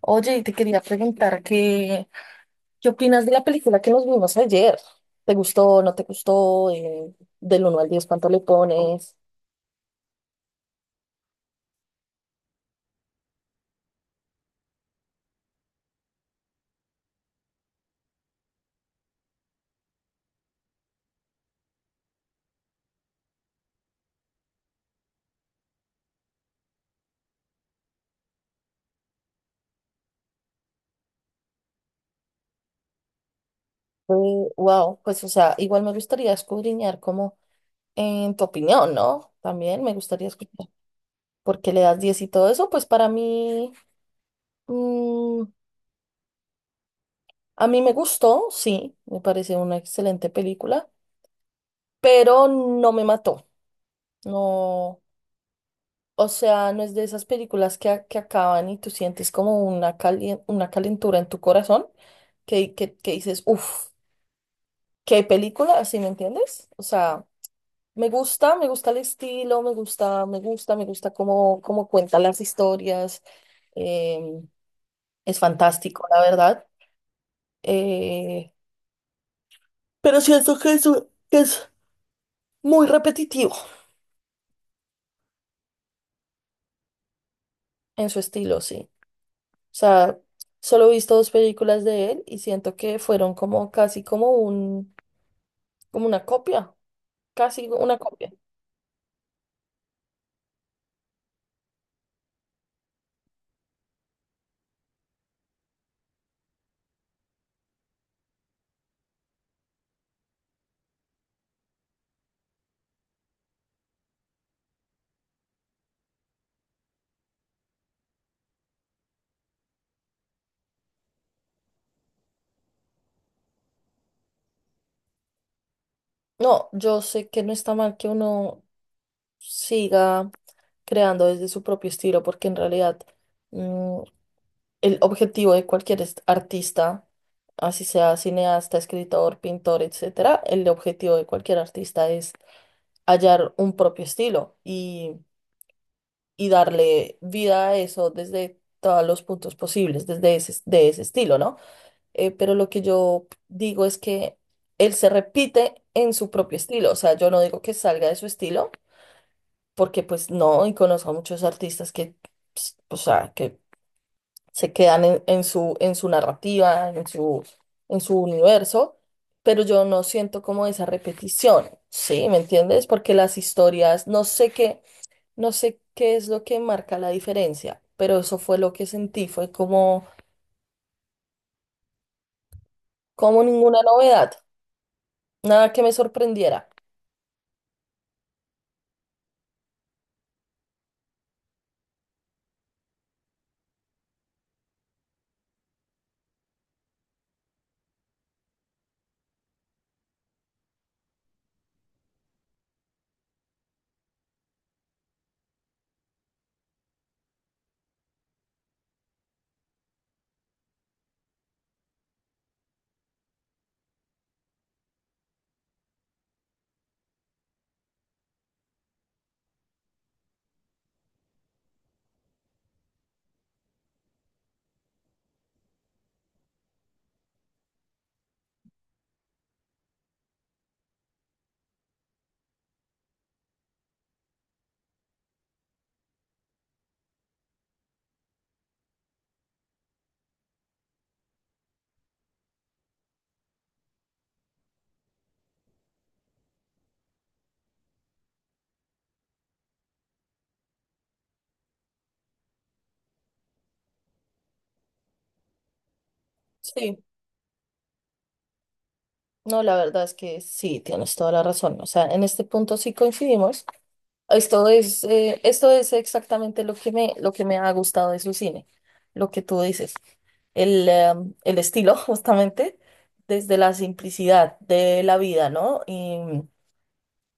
Oye, y te quería preguntar qué opinas de la película que nos vimos ayer. ¿Te gustó, no te gustó? Del 1 al 10, ¿cuánto le pones? Wow, pues o sea, igual me gustaría escudriñar como en tu opinión, ¿no? También me gustaría escuchar por qué le das 10 y todo eso. Pues para mí, mm, a mí me gustó, sí, me parece una excelente película, pero no me mató. No. O sea, no es de esas películas que, que acaban y tú sientes como una, una calentura en tu corazón que dices, uff, qué película, ¿así me entiendes? O sea, me gusta el estilo, me gusta cómo, cómo cuenta las historias. Eh, es fantástico, la verdad. eh, pero siento que que es muy repetitivo en su estilo, sí. O sea, solo he visto 2 películas de él y siento que fueron como casi como un como una copia, casi una copia. No, yo sé que no está mal que uno siga creando desde su propio estilo, porque en realidad, mm, el objetivo de cualquier artista, así sea cineasta, escritor, pintor, etcétera, el objetivo de cualquier artista es hallar un propio estilo y darle vida a eso desde todos los puntos posibles, desde ese, de ese estilo, ¿no? Pero lo que yo digo es que él se repite en su propio estilo, o sea, yo no digo que salga de su estilo, porque pues no, y conozco a muchos artistas que, ps, o sea, que se quedan en su narrativa, en su universo, pero yo no siento como esa repetición, ¿sí? ¿Me entiendes? Porque las historias, no sé qué, no sé qué es lo que marca la diferencia, pero eso fue lo que sentí, fue como, como ninguna novedad, nada que me sorprendiera. Sí, no, la verdad es que sí, tienes toda la razón. O sea, en este punto sí coincidimos. Esto es exactamente lo que me ha gustado de su cine, lo que tú dices. El estilo, justamente, desde la simplicidad de la vida, ¿no?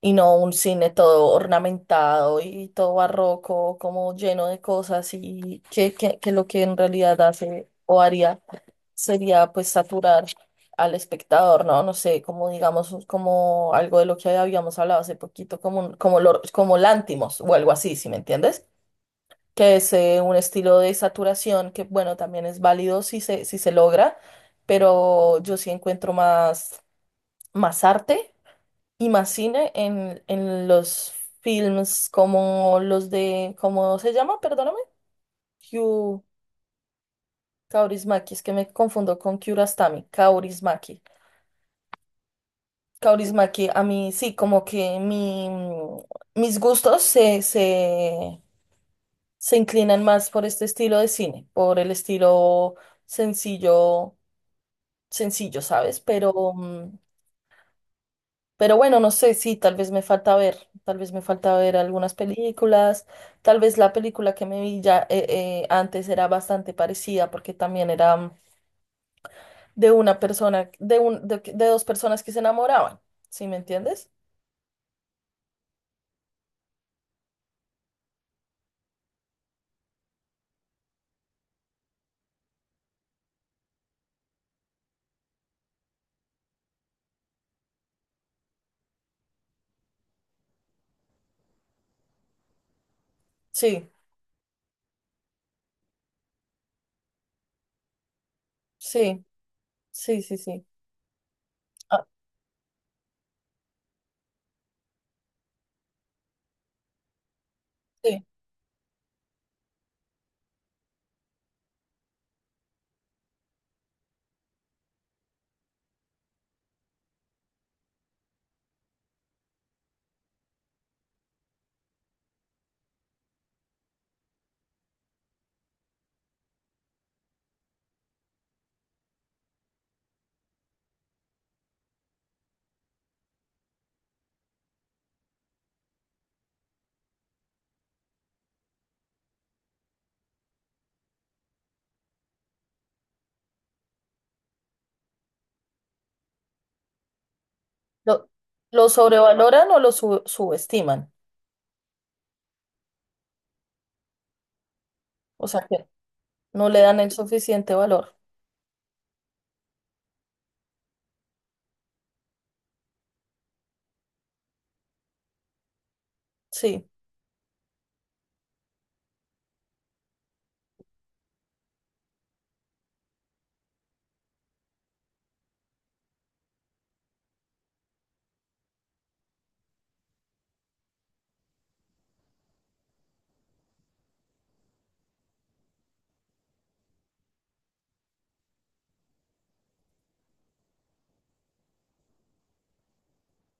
Y no un cine todo ornamentado y todo barroco, como lleno de cosas y que lo que en realidad hace o haría sería pues saturar al espectador, ¿no? No sé, como digamos, como algo de lo que habíamos hablado hace poquito, como, como, como Lántimos o algo así, ¿si me entiendes? Que es un estilo de saturación que, bueno, también es válido si se logra, pero yo sí encuentro más, más arte y más cine en los films como los de, ¿cómo se llama? Perdóname. Kyu Kaurismäki, es que me confundo con Kiarostami, Kaurismäki. Kaurismäki, a mí sí, como que mi, mm, mis gustos se inclinan más por este estilo de cine, por el estilo sencillo, sencillo, ¿sabes? Pero, mm, Pero bueno, no sé, sí, tal vez me falta ver, tal vez me falta ver algunas películas, tal vez la película que me vi ya, antes era bastante parecida porque también era, mm, de una persona, de 2 personas que se enamoraban, ¿sí me entiendes? Sí, sí, sí, sí, sí. Ah, sí. Lo, lo sobrevaloran o lo subestiman, o sea que no le dan el suficiente valor. Sí,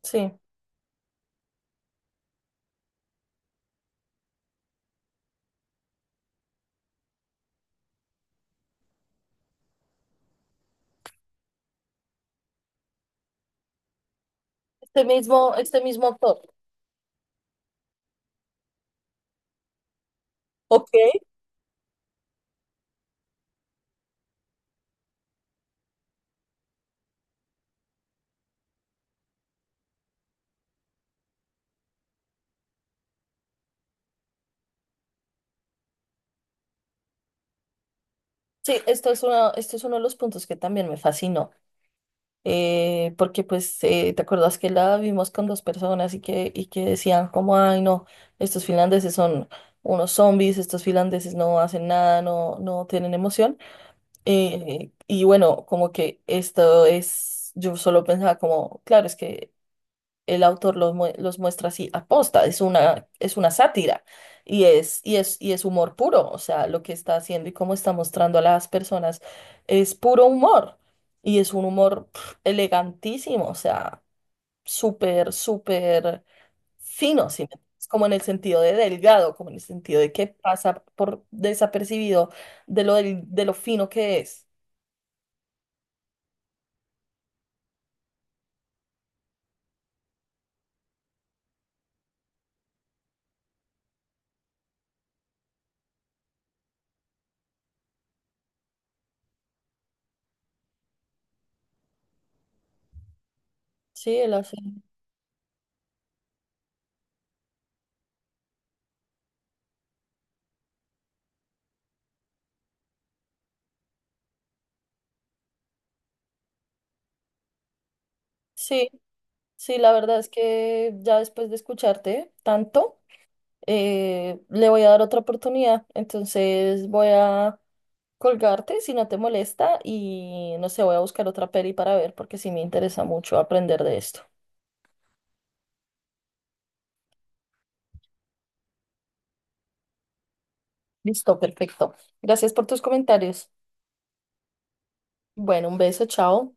sí. Este mismo actor. Ok. Sí, esto es uno de los puntos que también me fascinó, porque pues te acuerdas que la vimos con 2 personas y y que decían como, ay no, estos finlandeses son unos zombies, estos finlandeses no hacen nada, no, no tienen emoción. Y bueno, como que esto es, yo solo pensaba como, claro, es que el autor los, los muestra así aposta, es una sátira y y es humor puro, o sea, lo que está haciendo y cómo está mostrando a las personas es puro humor y es un humor pf, elegantísimo, o sea, súper, súper fino, ¿sí me entiendes? Como en el sentido de delgado, como en el sentido de que pasa por desapercibido de lo, de lo fino que es. Sí, él hace. Sí, sí, la verdad es que ya después de escucharte tanto, le voy a dar otra oportunidad. Entonces voy a colgarte si no te molesta y no sé, voy a buscar otra peli para ver porque sí me interesa mucho aprender de esto. Listo, perfecto. Gracias por tus comentarios. Bueno, un beso, chao.